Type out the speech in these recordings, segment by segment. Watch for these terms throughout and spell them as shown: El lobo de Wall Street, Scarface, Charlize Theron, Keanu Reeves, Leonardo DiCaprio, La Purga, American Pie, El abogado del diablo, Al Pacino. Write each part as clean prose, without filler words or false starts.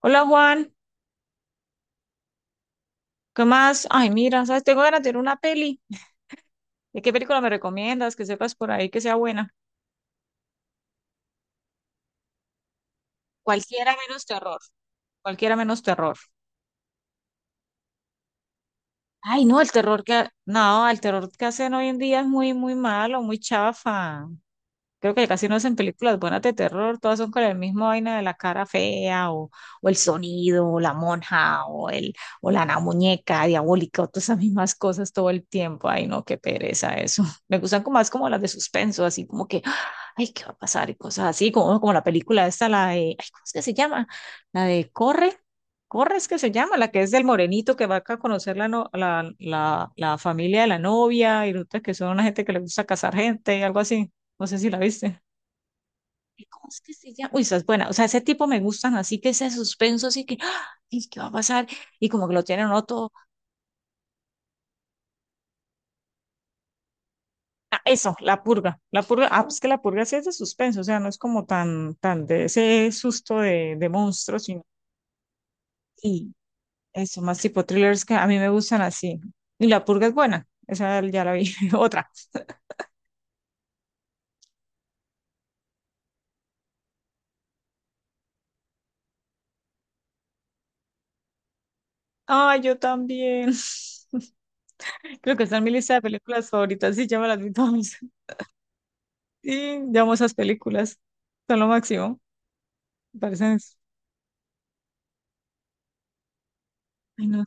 Hola Juan, ¿qué más? Ay, mira, ¿sabes? Tengo ganas de ver una peli. ¿De qué película me recomiendas? Que sepas por ahí que sea buena. Cualquiera menos terror, cualquiera menos terror. Ay, no, el terror que hacen hoy en día es muy, muy malo, muy chafa. Creo que casi no hacen películas buenas de terror, todas son con el mismo vaina de la cara fea o el sonido o la monja o la muñeca diabólica o todas esas mismas cosas todo el tiempo. Ay, no, qué pereza eso. Me gustan como más como las de suspenso, así como que, ay, ¿qué va a pasar? Y cosas así, como la película esta, la de, ay, ¿cómo es que se llama? La de Corre. Corre es que se llama, la que es del morenito que va acá a conocer la, no- la familia de la novia y resulta que son una gente que le gusta casar gente, algo así. No sé si la viste. Ay, ¿cómo es que se llama? Uy, esa es buena. O sea, ese tipo me gustan, así que ese suspenso, así que, ¡ah! ¿Y qué va a pasar? Y como que lo tienen uno todo. Ah, eso, La Purga. La Purga, ah, pues que La Purga sí es de suspenso, o sea, no es como tan de ese susto de monstruos, sino sí, eso, más tipo thrillers que a mí me gustan así. Y La Purga es buena, esa ya la vi. Otra. Ay, yo también. Creo que está en mi lista de películas favoritas, sí, ya me las vi todas. Sí, llamo esas películas, son lo máximo. Parecen, ay, no,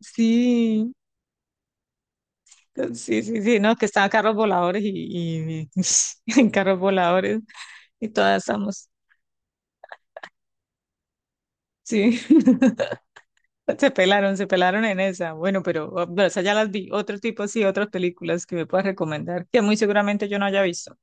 sí, sí, no, que estaban carros voladores y- en carros voladores y todas estamos, sí, se pelaron en esa. Bueno, pero esa ya las vi. Otro tipo, sí, otras películas que me puedas recomendar, que muy seguramente yo no haya visto.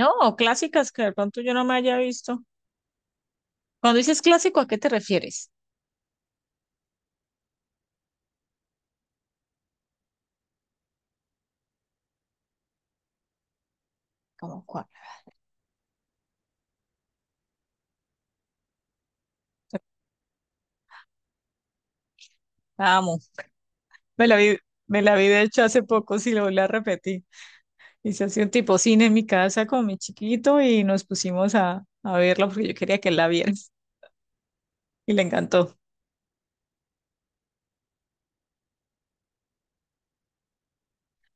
No, o clásicas que de pronto yo no me haya visto. Cuando dices clásico, ¿a qué te refieres? ¿Cómo cuál? La amo. Me la vi, Me la vi de hecho hace poco, sí, lo la volví a repetir. Hice así un tipo cine en mi casa con mi chiquito y nos pusimos a verla porque yo quería que él la viera y le encantó.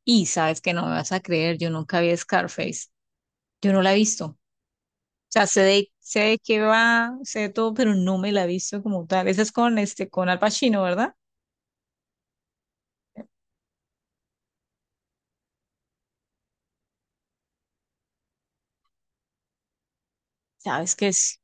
Y sabes que no me vas a creer, yo nunca vi Scarface, yo no la he visto. O sea, sé de qué va, sé de todo, pero no me la he visto como tal. Esa es con, este, con Al Pacino, ¿verdad? Sabes que es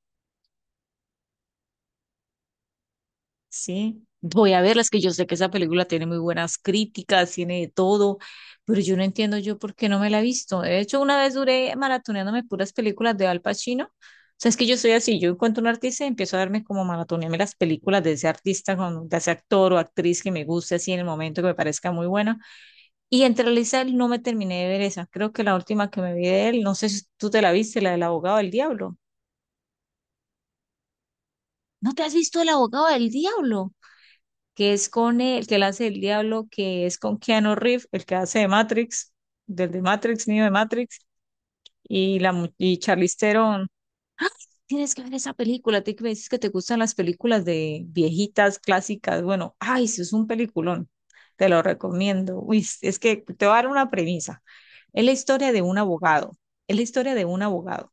sí, voy a verlas, que yo sé que esa película tiene muy buenas críticas, tiene de todo, pero yo no entiendo yo por qué no me la he visto. De hecho, una vez duré maratoneándome puras películas de Al Pacino. O sea, es que yo soy así, yo encuentro un artista y empiezo a darme como maratonearme las películas de ese artista, de ese actor o actriz que me guste así en el momento que me parezca muy buena. Y entre Lisa no me terminé de ver esa. Creo que la última que me vi de él, no sé si tú te la viste, la del abogado del diablo. ¿No te has visto el abogado del diablo? Que es con él, el que él hace el diablo, que es con Keanu Reeves, el que hace de Matrix, niño de Matrix, y, y Charlize Theron. ¡Ah! Tienes que ver esa película, te que me dices que te gustan las películas de viejitas, clásicas. Bueno, ay, eso es un peliculón, te lo recomiendo. Uy, es que te voy a dar una premisa. Es la historia de un abogado, es la historia de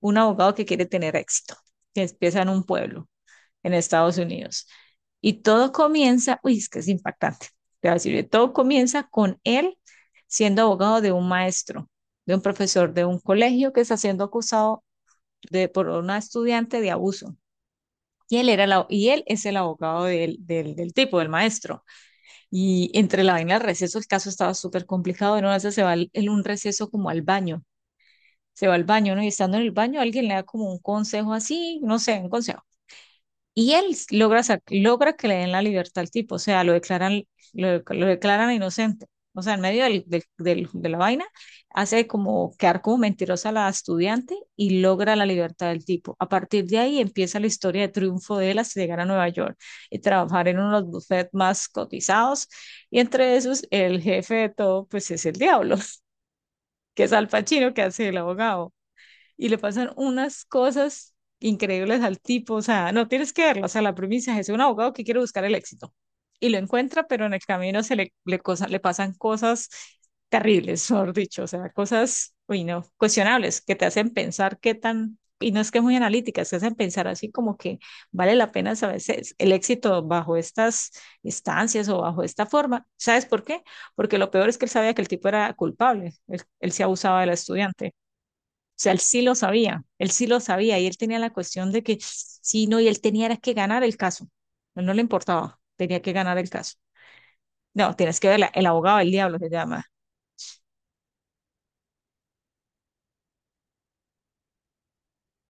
un abogado que quiere tener éxito, que empieza en un pueblo en Estados Unidos. Y todo comienza, uy, es que es impactante, te voy a decir, todo comienza con él siendo abogado de un maestro, de un profesor de un colegio que está siendo acusado de, por una estudiante de abuso. Y él, era la, y él es el abogado del tipo, del maestro. Y entre la vaina del receso, el caso estaba súper complicado. En una vez en un receso como al baño. Se va al baño, ¿no? Y estando en el baño, alguien le da como un consejo así, no sé, un consejo. Y él logra que le den la libertad al tipo, o sea, lo declaran inocente. O sea, en medio de la vaina, hace como quedar como mentirosa a la estudiante y logra la libertad del tipo. A partir de ahí empieza la historia de triunfo de él hasta llegar a Nueva York y trabajar en uno de los bufetes más cotizados. Y entre esos, el jefe de todo, pues es el diablo, que es Al Pacino, que hace el abogado y le pasan unas cosas increíbles al tipo, o sea, no tienes que verlo, o sea, la premisa es un abogado que quiere buscar el éxito y lo encuentra, pero en el camino se le, le, cosa, le pasan cosas terribles, mejor dicho, o sea, cosas, uy, no, cuestionables, que te hacen pensar qué tan, y no es que es muy analíticas, te hacen pensar así como que vale la pena a veces el éxito bajo estas instancias o bajo esta forma. ¿Sabes por qué? Porque lo peor es que él sabía que el tipo era culpable, él se abusaba de la estudiante. O sea, él sí lo sabía y él tenía la cuestión de que sí, no, y él tenía era que ganar el caso. No, no le importaba, tenía que ganar el caso. No, tienes que verla, El abogado del diablo se llama.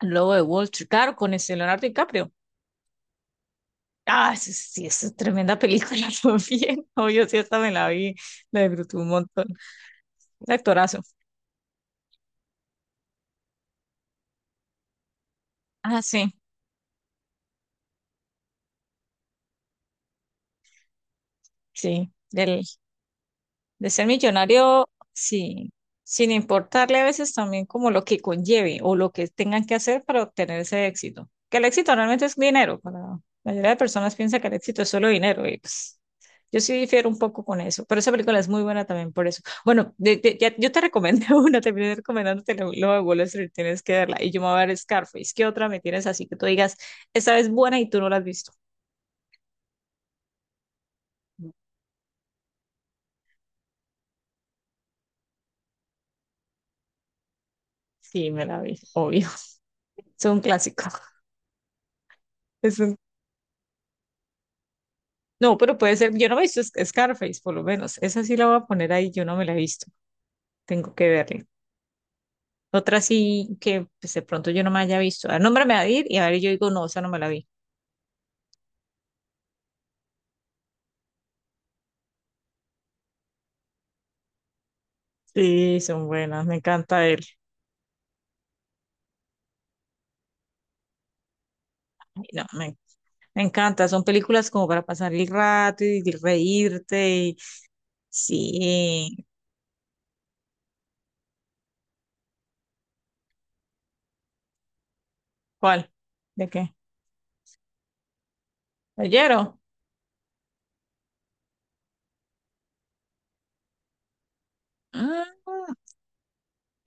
El lobo de Wall Street, claro, con ese Leonardo DiCaprio. Ah, sí, sí, es tremenda película también. Obvio, sí, hasta me la vi, la disfruté un montón. Un actorazo. Ah, sí, sí, del, de ser millonario, sí, sin importarle a veces también como lo que conlleve o lo que tengan que hacer para obtener ese éxito. Que el éxito realmente es dinero. Para la mayoría de personas piensa que el éxito es solo dinero y pues yo sí difiero un poco con eso, pero esa película es muy buena también por eso. Bueno, yo te recomendé una, terminé recomendándote lo de Wall Street, tienes que verla y yo me voy a ver Scarface. ¿Qué otra me tienes así que tú digas, esta es buena y tú no la has visto? Sí, me la vi, obvio. Es un clásico. Es un No, pero puede ser, yo no me he visto Scarface, por lo menos. Esa sí la voy a poner ahí, yo no me la he visto. Tengo que verla. Otra sí que pues, de pronto yo no me haya visto. A nombre me va a ir y a ver, yo digo, no, esa no me la vi. Sí, son buenas, me encanta él. Ay, No, me encanta, son películas como para pasar el rato y reírte. Sí, ¿cuál? ¿De qué? ¿Oyeron? Ah,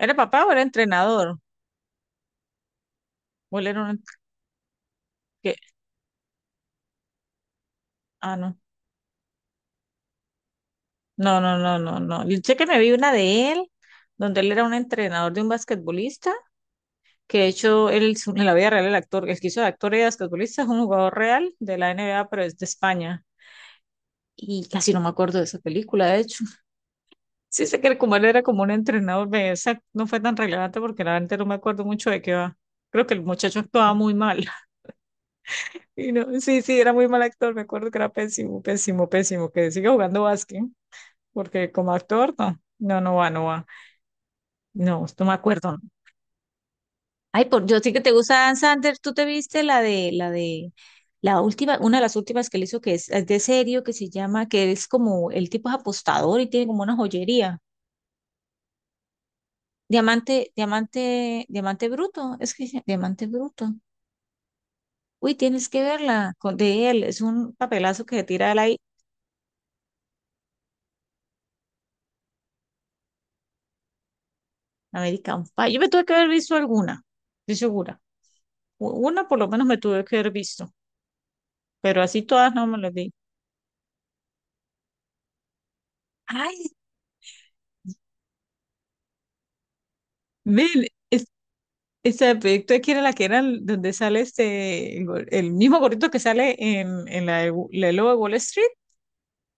¿era papá o era entrenador? ¿O él era un... que- ah, no. No. Yo sé que me vi una de él, donde él era un entrenador de un basquetbolista, que de hecho él es en la vida real el actor, el que hizo de actor y de basquetbolista es un jugador real de la NBA, pero es de España. Y casi no me acuerdo de esa película, de hecho. Sí sé que como él era como un entrenador, esa no fue tan relevante porque la verdad no me acuerdo mucho de qué va. Creo que el muchacho actuaba muy mal. Y no, sí, sí, era muy mal actor, me acuerdo que era pésimo, pésimo, pésimo, que sigue jugando básquet, porque como actor, no va, no va. No, no me acuerdo. Ay, por, yo sé que te gusta Dan Sanders. ¿Tú te viste la de, la última, una de las últimas que le hizo que es de serio, que se llama, que es como, el tipo es apostador y tiene como una joyería. Diamante bruto. Es que diamante bruto. Uy, tienes que verla con, de él. Es un papelazo que se tira él ahí. American Pie. Yo me tuve que haber visto alguna, estoy segura. Una por lo menos me tuve que haber visto, pero así todas no me las vi. Ay, ven, esta proyecto de que era la que era donde sale este, el mismo gordito que sale en la, la lobo de Wall Street,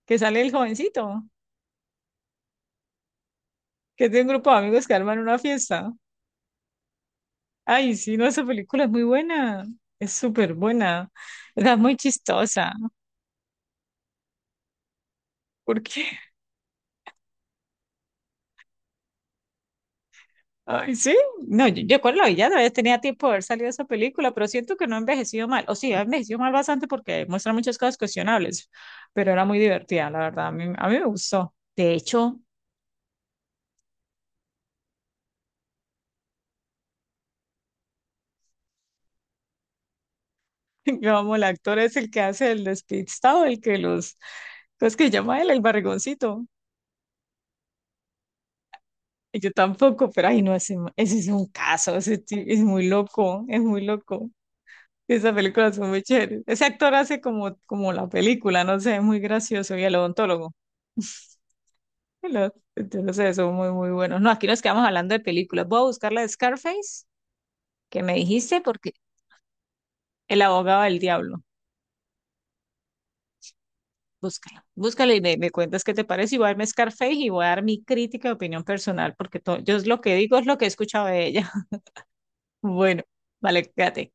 que sale el jovencito, que es de un grupo de amigos que arman una fiesta. Ay, sí, no, esa película es muy buena, es súper buena, es muy chistosa, porque, ay, sí, no, yo cuando la vi ya todavía tenía tiempo de haber salido esa película, pero siento que no ha envejecido mal, o sí, ha envejecido mal bastante porque muestra muchas cosas cuestionables, pero era muy divertida, la verdad, a mí me gustó. De hecho, vamos, el actor es el que hace el despistado, el que los, ¿cómo es que llama él? El barrigoncito. Y yo tampoco, pero ay, no, ese es un caso, es muy loco, es muy loco. Esas películas son muy chéveres. Ese actor hace como, como la película, no sé, es muy gracioso. Y el odontólogo. Entonces, son muy, muy buenos. No, aquí nos quedamos hablando de películas. Voy a buscar la de Scarface, que me dijiste, porque El abogado del diablo. Búscalo, búscalo me cuentas qué te parece. Y voy a darme Scarface y voy a dar mi crítica y opinión personal, porque yo es lo que digo es lo que he escuchado de ella. Bueno, vale, quédate.